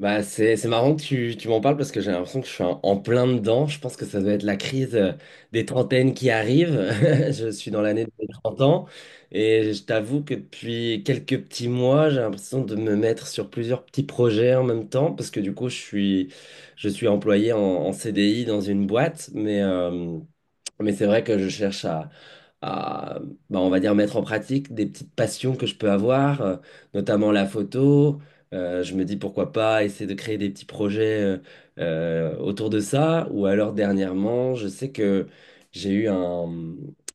Bah, c'est marrant que tu m'en parles parce que j'ai l'impression que je suis en plein dedans. Je pense que ça doit être la crise des trentaines qui arrive. Je suis dans l'année de mes 30 ans et je t'avoue que depuis quelques petits mois, j'ai l'impression de me mettre sur plusieurs petits projets en même temps parce que du coup, je suis employé en CDI dans une boîte, mais c'est vrai que je cherche à, bah, on va dire, mettre en pratique des petites passions que je peux avoir, notamment la photo. Je me dis pourquoi pas essayer de créer des petits projets autour de ça. Ou alors dernièrement, je sais que j'ai eu un...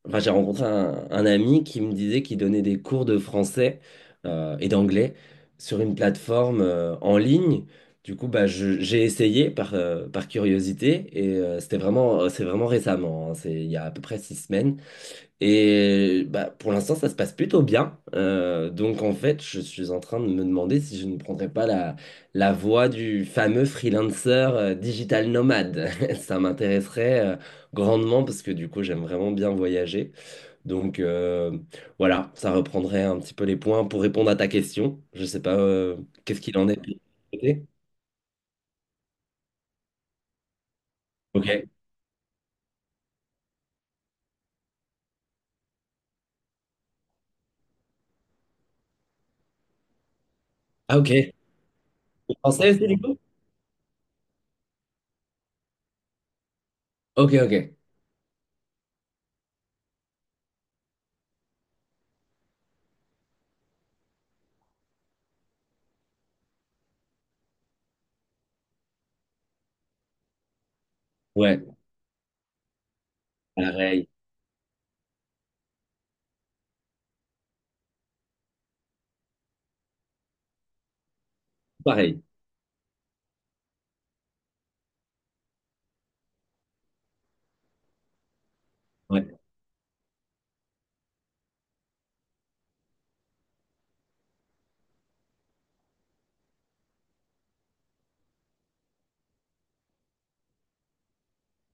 Enfin, j'ai rencontré un ami qui me disait qu'il donnait des cours de français et d'anglais sur une plateforme en ligne. Du coup, bah, j'ai essayé par curiosité et c'est vraiment récemment, hein, c'est il y a à peu près 6 semaines. Et bah, pour l'instant, ça se passe plutôt bien. Donc en fait, je suis en train de me demander si je ne prendrais pas la voie du fameux freelancer digital nomade. Ça m'intéresserait grandement parce que du coup, j'aime vraiment bien voyager. Donc voilà, ça reprendrait un petit peu les points pour répondre à ta question. Je sais pas qu'est-ce qu'il en est de ton côté. Ok. Ah ok. Vous Français aussi du coup? Ok, ok. Ouais. Pareil. Pareil. Ouais.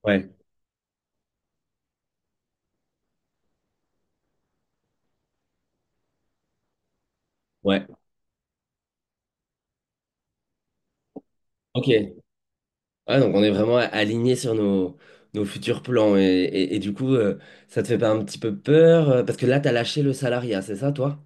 Ouais. Ouais. Ok. Ouais, donc on est vraiment aligné sur nos futurs plans. Et du coup, ça te fait pas un petit peu peur? Parce que là, t'as lâché le salariat, c'est ça, toi?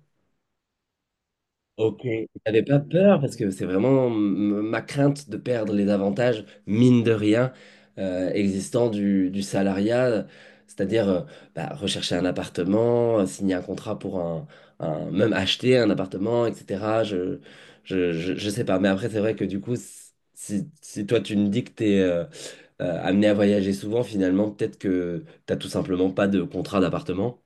Ok. J'avais pas peur parce que c'est vraiment ma crainte de perdre les avantages, mine de rien, existants du salariat, c'est-à-dire bah, rechercher un appartement, signer un contrat pour même acheter un appartement, etc. Je sais pas, mais après, c'est vrai que du coup, si toi tu me dis que t'es amené à voyager souvent, finalement, peut-être que t'as tout simplement pas de contrat d'appartement.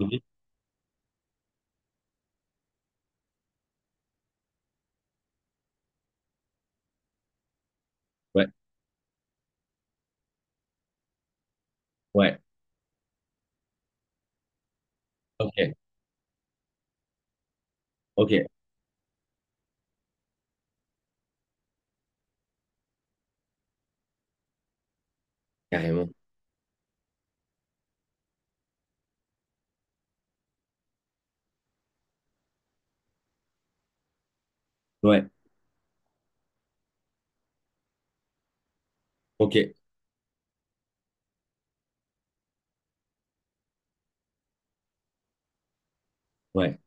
Oui. Ouais, ouais, ok, ok, carrément. Ouais, ok. Ouais.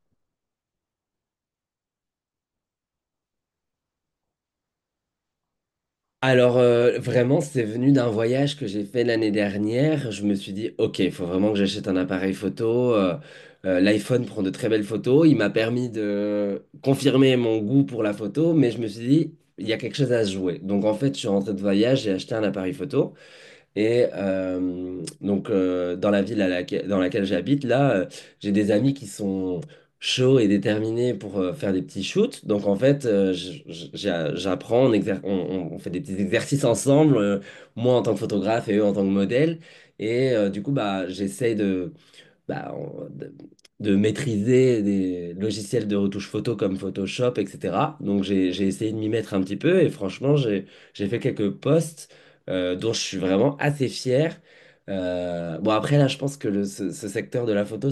Alors, vraiment, c'est venu d'un voyage que j'ai fait l'année dernière. Je me suis dit, OK, il faut vraiment que j'achète un appareil photo. l'iPhone prend de très belles photos. Il m'a permis de confirmer mon goût pour la photo, mais je me suis dit, il y a quelque chose à se jouer. Donc, en fait, je suis rentré de voyage, j'ai acheté un appareil photo. Et donc, dans la ville à laquelle, dans laquelle j'habite, là, j'ai des amis qui sont chauds et déterminés pour faire des petits shoots. Donc, en fait, j'apprends, on fait des petits exercices ensemble, moi en tant que photographe et eux en tant que modèle. Et du coup, bah, j'essaye bah, on- de, de maîtriser des logiciels de retouche photo comme Photoshop, etc. Donc j'ai essayé de m'y mettre un petit peu et franchement, j'ai fait quelques posts dont je suis vraiment assez fier. Bon, après, là, je pense que ce secteur de la photo,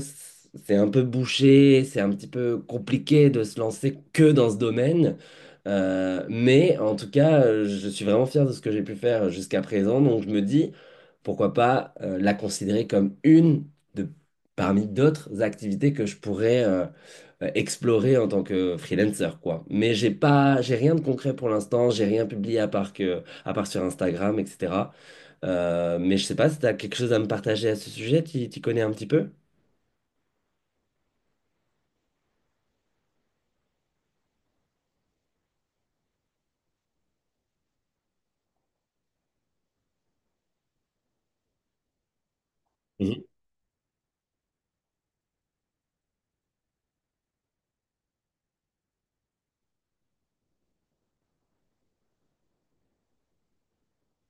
c'est un peu bouché, c'est un petit peu compliqué de se lancer que dans ce domaine. Mais en tout cas, je suis vraiment fier de ce que j'ai pu faire jusqu'à présent. Donc je me dis, pourquoi pas la considérer comme de, parmi d'autres activités que je pourrais explorer en tant que freelancer, quoi. Mais j'ai rien de concret pour l'instant. J'ai rien publié à part sur Instagram, etc. Mais je sais pas si tu as quelque chose à me partager à ce sujet. Tu t'y connais un petit peu? Mhm.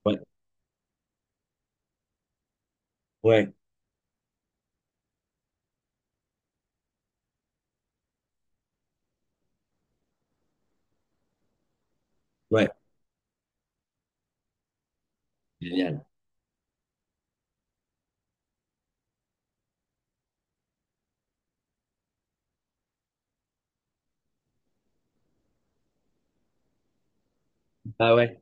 Ouais. Ouais, ouais. Génial. Ah ouais.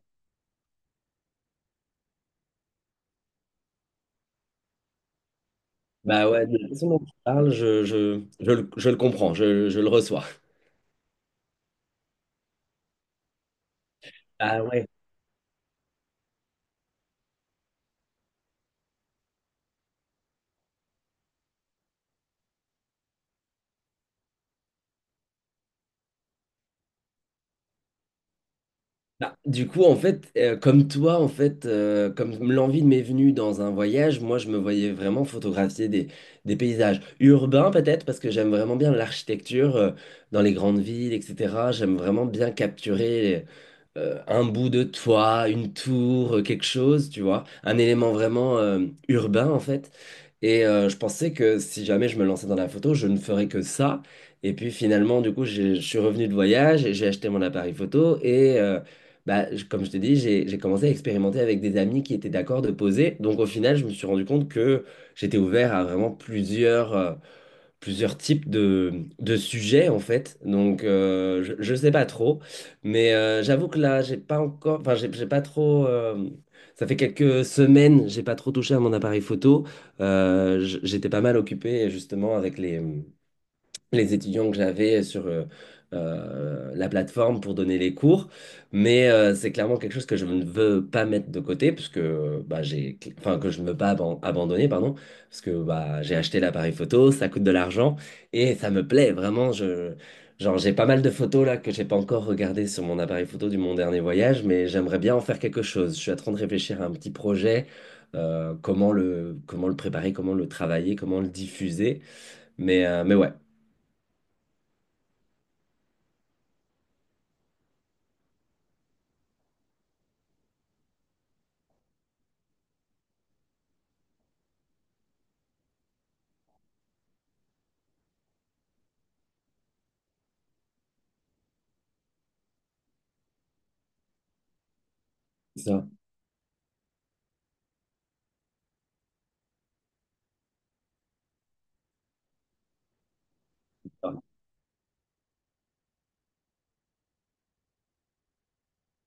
Bah ouais, de la façon dont tu parles, je le comprends, je le reçois. Ah ouais. Bah, du coup, en fait, comme toi, en fait, comme l'envie m'est venue dans un voyage, moi, je me voyais vraiment photographier des paysages urbains, peut-être, parce que j'aime vraiment bien l'architecture, dans les grandes villes, etc. J'aime vraiment bien capturer un bout de toit, une tour, quelque chose, tu vois, un élément vraiment urbain en fait. Et je pensais que si jamais je me lançais dans la photo, je ne ferais que ça. Et puis finalement, du coup, je suis revenu de voyage et j'ai acheté mon appareil photo. Et bah, comme je t'ai dit, j'ai commencé à expérimenter avec des amis qui étaient d'accord de poser. Donc au final, je me suis rendu compte que j'étais ouvert à vraiment plusieurs types de sujets en fait. Donc je sais pas trop, mais j'avoue que là j'ai pas encore, enfin j'ai pas trop. Ça fait quelques semaines, j'ai pas trop touché à mon appareil photo. J'étais pas mal occupé justement avec les étudiants que j'avais sur la plateforme pour donner les cours. Mais c'est clairement quelque chose que je ne veux pas mettre de côté, parce que, bah, j'ai, enfin, que je ne veux pas abandonner, pardon, parce que bah, j'ai acheté l'appareil photo, ça coûte de l'argent, et ça me plaît vraiment. Je, genre, j'ai pas mal de photos là que j'ai pas encore regardées sur mon appareil photo du mon dernier voyage, mais j'aimerais bien en faire quelque chose. Je suis en train de réfléchir à un petit projet. Comment le préparer, comment le travailler, comment le diffuser. Mais ouais.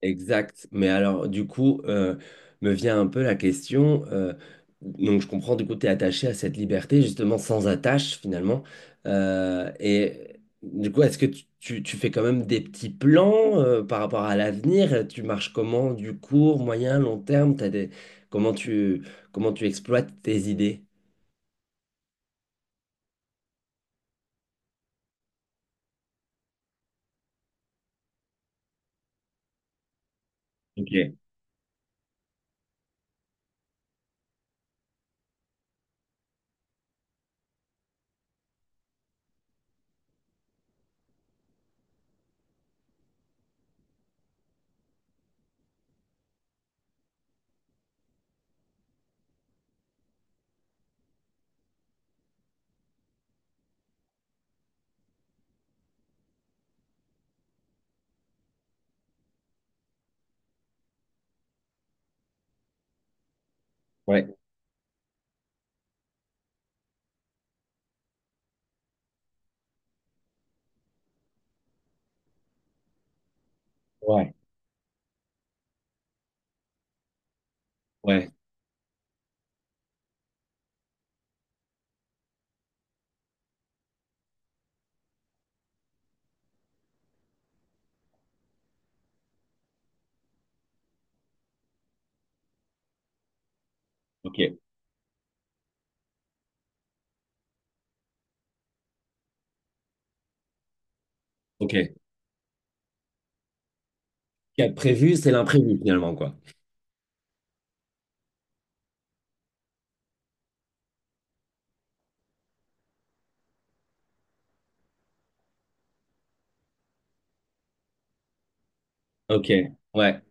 Exact. Mais alors, du coup, me vient un peu la question. Donc, je comprends, du coup, tu es attaché à cette liberté, justement, sans attache, finalement. Et du coup, est-ce que tu fais quand même des petits plans par rapport à l'avenir? Tu marches comment, du court, moyen, long terme? T'as des... Comment tu, Comment tu exploites tes idées? Ok. Ouais. Ouais. Ouais. Ok. Ok. Ce qui est prévu, c'est l'imprévu, finalement, quoi. Ok. Ouais.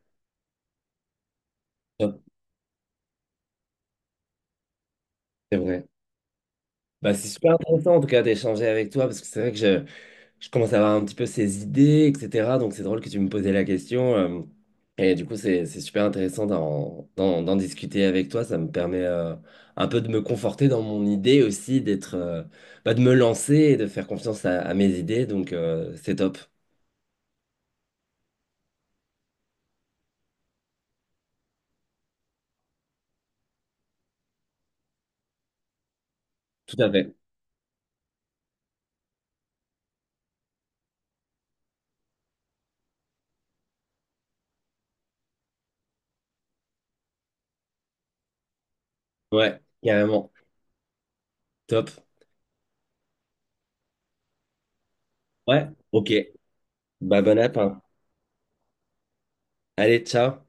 C'est vrai. Bah, c'est super intéressant en tout cas d'échanger avec toi parce que c'est vrai que je commence à avoir un petit peu ces idées, etc. Donc c'est drôle que tu me posais la question. Et du coup, c'est super intéressant d'en discuter avec toi. Ça me permet un peu de me conforter dans mon idée aussi, bah, de me lancer et de faire confiance à mes idées. Donc c'est top. Tout à fait. Ouais, carrément. Top. Ouais, ok. Bah, bon app, hein. Allez, ciao.